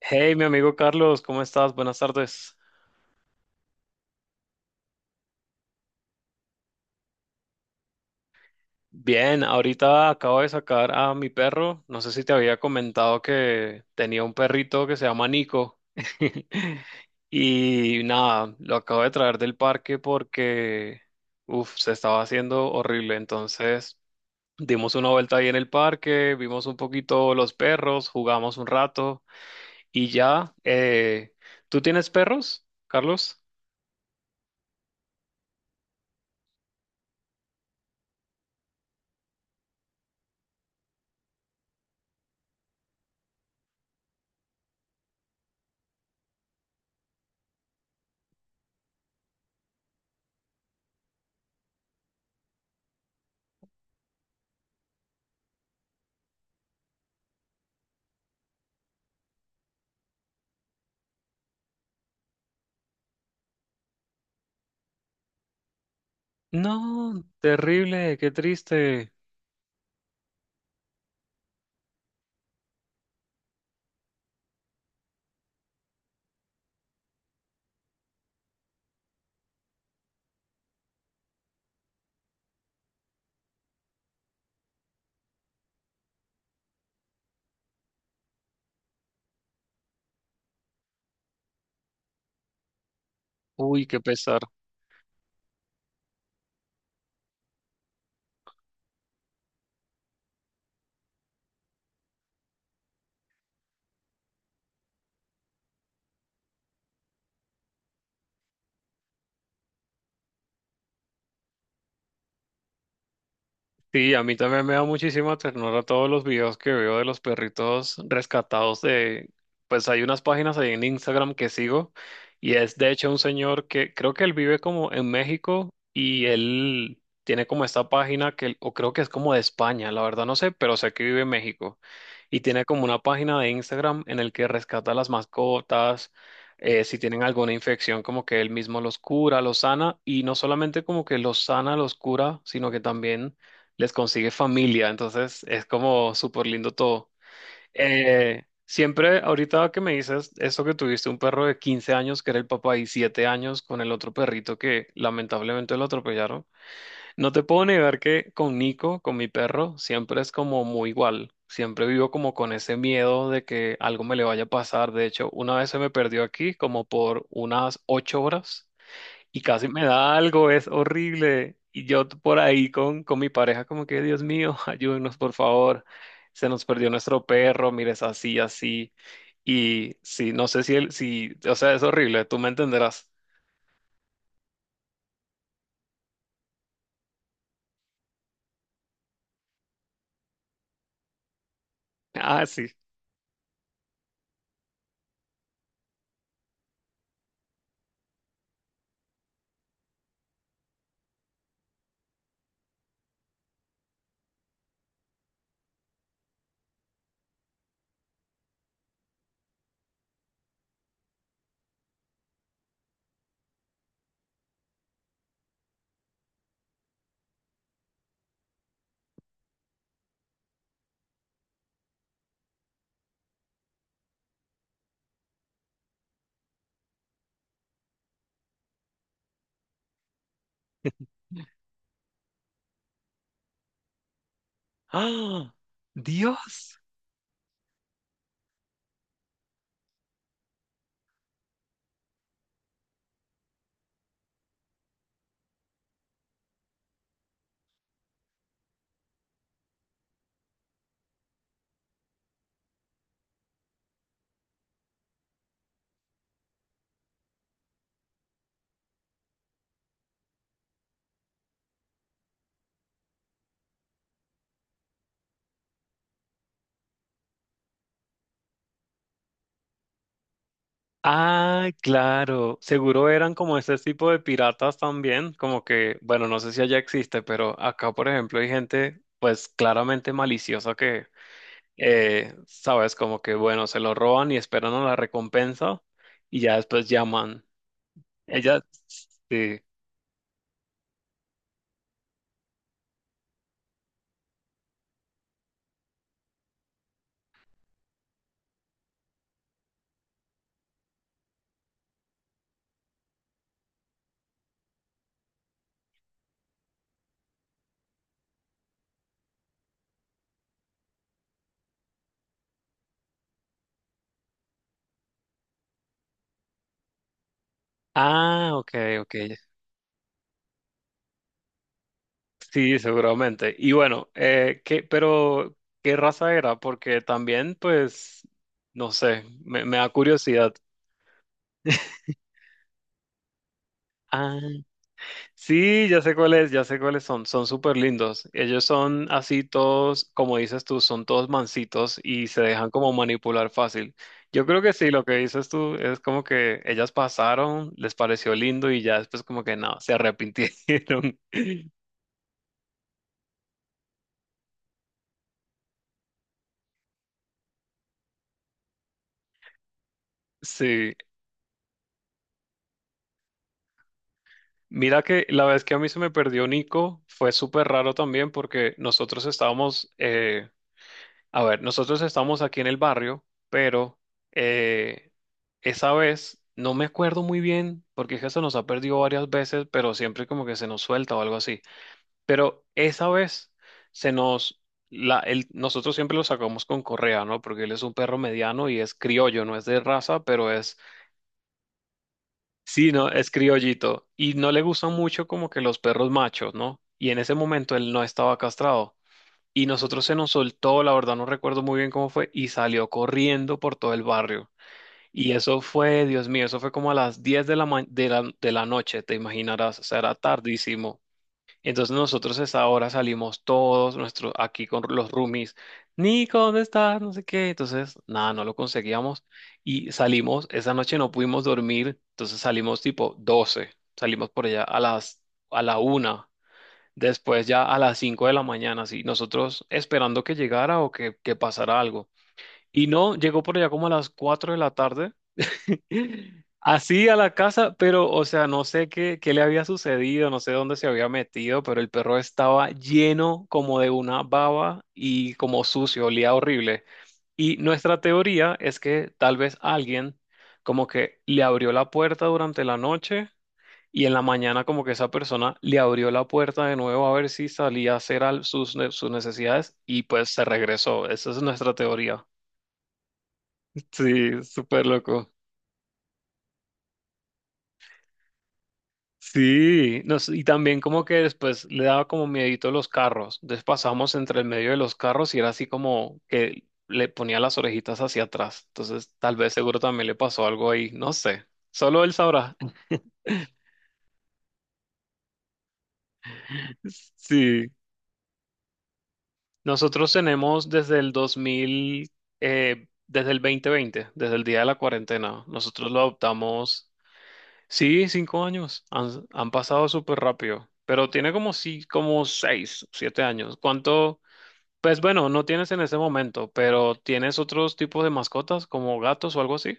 Hey, mi amigo Carlos, ¿cómo estás? Buenas tardes. Bien, ahorita acabo de sacar a mi perro. No sé si te había comentado que tenía un perrito que se llama Nico. Y nada, lo acabo de traer del parque porque, uff, se estaba haciendo horrible. Entonces, dimos una vuelta ahí en el parque, vimos un poquito los perros, jugamos un rato y ya. ¿Tú tienes perros, Carlos? No, terrible, qué triste. Uy, qué pesar. Sí, a mí también me da muchísima ternura todos los videos que veo de los perritos rescatados de, pues hay unas páginas ahí en Instagram que sigo y es de hecho un señor que creo que él vive como en México y él tiene como esta página que, o creo que es como de España, la verdad no sé, pero sé que vive en México y tiene como una página de Instagram en el que rescata las mascotas, si tienen alguna infección, como que él mismo los cura, los sana, y no solamente como que los sana, los cura, sino que también les consigue familia, entonces es como súper lindo todo. Siempre, ahorita que me dices eso que tuviste un perro de 15 años que era el papá y 7 años con el otro perrito que lamentablemente lo atropellaron, no te puedo negar que con Nico, con mi perro, siempre es como muy igual. Siempre vivo como con ese miedo de que algo me le vaya a pasar. De hecho, una vez se me perdió aquí como por unas 8 horas y casi me da algo, es horrible. Y yo por ahí con mi pareja como que, Dios mío, ayúdenos por favor, se nos perdió nuestro perro, mires así, así. Y sí, no sé si él, si, o sea, es horrible, tú me entenderás. Ah, sí. ¡Ah! Dios. Ah, claro. Seguro eran como ese tipo de piratas también, como que, bueno, no sé si allá existe, pero acá, por ejemplo, hay gente, pues claramente maliciosa que sabes, como que bueno, se lo roban y esperan a la recompensa y ya después llaman. Ella, sí. Ah, ok, ok. Sí, seguramente. Y bueno, ¿qué, pero qué raza era? Porque también, pues, no sé, me da curiosidad. Ah. Sí, ya sé cuáles son, son súper lindos. Ellos son así todos, como dices tú, son todos mansitos y se dejan como manipular fácil. Yo creo que sí, lo que dices tú es como que ellas pasaron, les pareció lindo y ya después como que no, se arrepintieron. Sí, mira que la vez que a mí se me perdió Nico fue súper raro también porque nosotros estábamos, a ver, nosotros estamos aquí en el barrio, pero eh, esa vez no me acuerdo muy bien, porque es que se nos ha perdido varias veces, pero siempre como que se nos suelta o algo así. Pero esa vez se nos, nosotros siempre lo sacamos con correa, ¿no? Porque él es un perro mediano y es criollo, no es de raza, pero es, sí, no, es criollito. Y no le gustan mucho como que los perros machos, ¿no? Y en ese momento él no estaba castrado. Y nosotros se nos soltó, la verdad no recuerdo muy bien cómo fue, y salió corriendo por todo el barrio. Y eso fue, Dios mío, eso fue como a las 10 de la, de la noche, te imaginarás, o sea, era tardísimo. Entonces nosotros a esa hora salimos todos, nuestros, aquí con los roomies, Nico, ¿dónde estás? No sé qué. Entonces, nada, no lo conseguíamos. Y salimos, esa noche no pudimos dormir, entonces salimos tipo 12. Salimos por allá a las, a la una. Después ya a las 5 de la mañana, sí, nosotros esperando que llegara o que pasara algo. Y no, llegó por allá como a las 4 de la tarde, así a la casa, pero o sea, no sé qué, qué le había sucedido, no sé dónde se había metido, pero el perro estaba lleno como de una baba y como sucio, olía horrible. Y nuestra teoría es que tal vez alguien como que le abrió la puerta durante la noche y en la mañana como que esa persona le abrió la puerta de nuevo a ver si salía a hacer sus, sus necesidades y pues se regresó. Esa es nuestra teoría. Sí, súper loco. Sí, no y también como que después le daba como miedito a los carros. Entonces pasamos entre el medio de los carros y era así como que le ponía las orejitas hacia atrás. Entonces tal vez seguro también le pasó algo ahí, no sé. Solo él sabrá. Sí. Nosotros tenemos desde el 2000, desde el 2020, desde el día de la cuarentena. Nosotros lo adoptamos, sí, 5 años. Han pasado súper rápido, pero tiene como sí, como 6, 7 años. ¿Cuánto? Pues bueno, no tienes en ese momento, pero ¿tienes otros tipos de mascotas como gatos o algo así?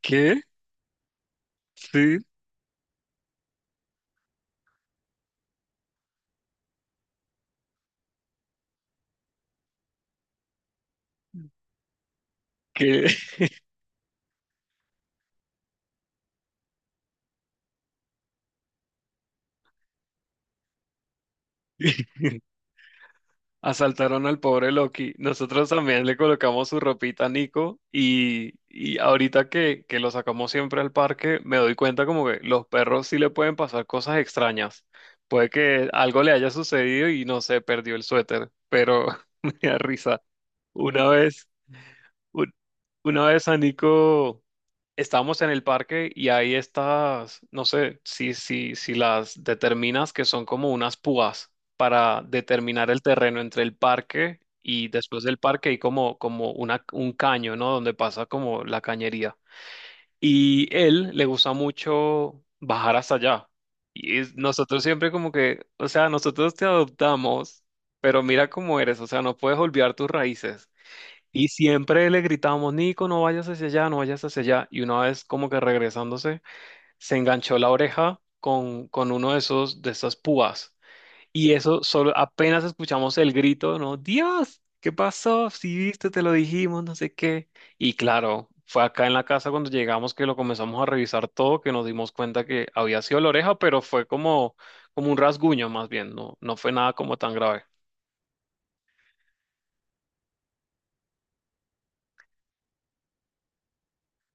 ¿Qué? Sí, ¿qué? Asaltaron al pobre Loki. Nosotros también le colocamos su ropita a Nico y ahorita que lo sacamos siempre al parque, me doy cuenta como que los perros sí le pueden pasar cosas extrañas. Puede que algo le haya sucedido y no sé, perdió el suéter, pero me da risa. Una vez, un- una vez a Nico... Estábamos en el parque y hay estas, no sé si las determinas que son como unas púas para determinar el terreno entre el parque y después del parque hay como, como una, un caño, ¿no? Donde pasa como la cañería. Y él le gusta mucho bajar hasta allá. Y nosotros siempre como que, o sea, nosotros te adoptamos, pero mira cómo eres, o sea, no puedes olvidar tus raíces. Y siempre le gritábamos, Nico, no vayas hacia allá, no vayas hacia allá. Y una vez como que regresándose, se enganchó la oreja con uno de esos, de esas púas. Y eso solo apenas escuchamos el grito, ¿no? Dios, ¿qué pasó? Si viste, te lo dijimos, no sé qué. Y claro, fue acá en la casa cuando llegamos que lo comenzamos a revisar todo, que nos dimos cuenta que había sido la oreja, pero fue como, como un rasguño más bien, no, no fue nada como tan grave.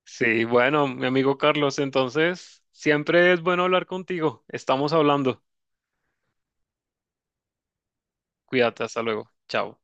Sí, bueno, mi amigo Carlos, entonces siempre es bueno hablar contigo. Estamos hablando. Cuídate, hasta luego. Chao.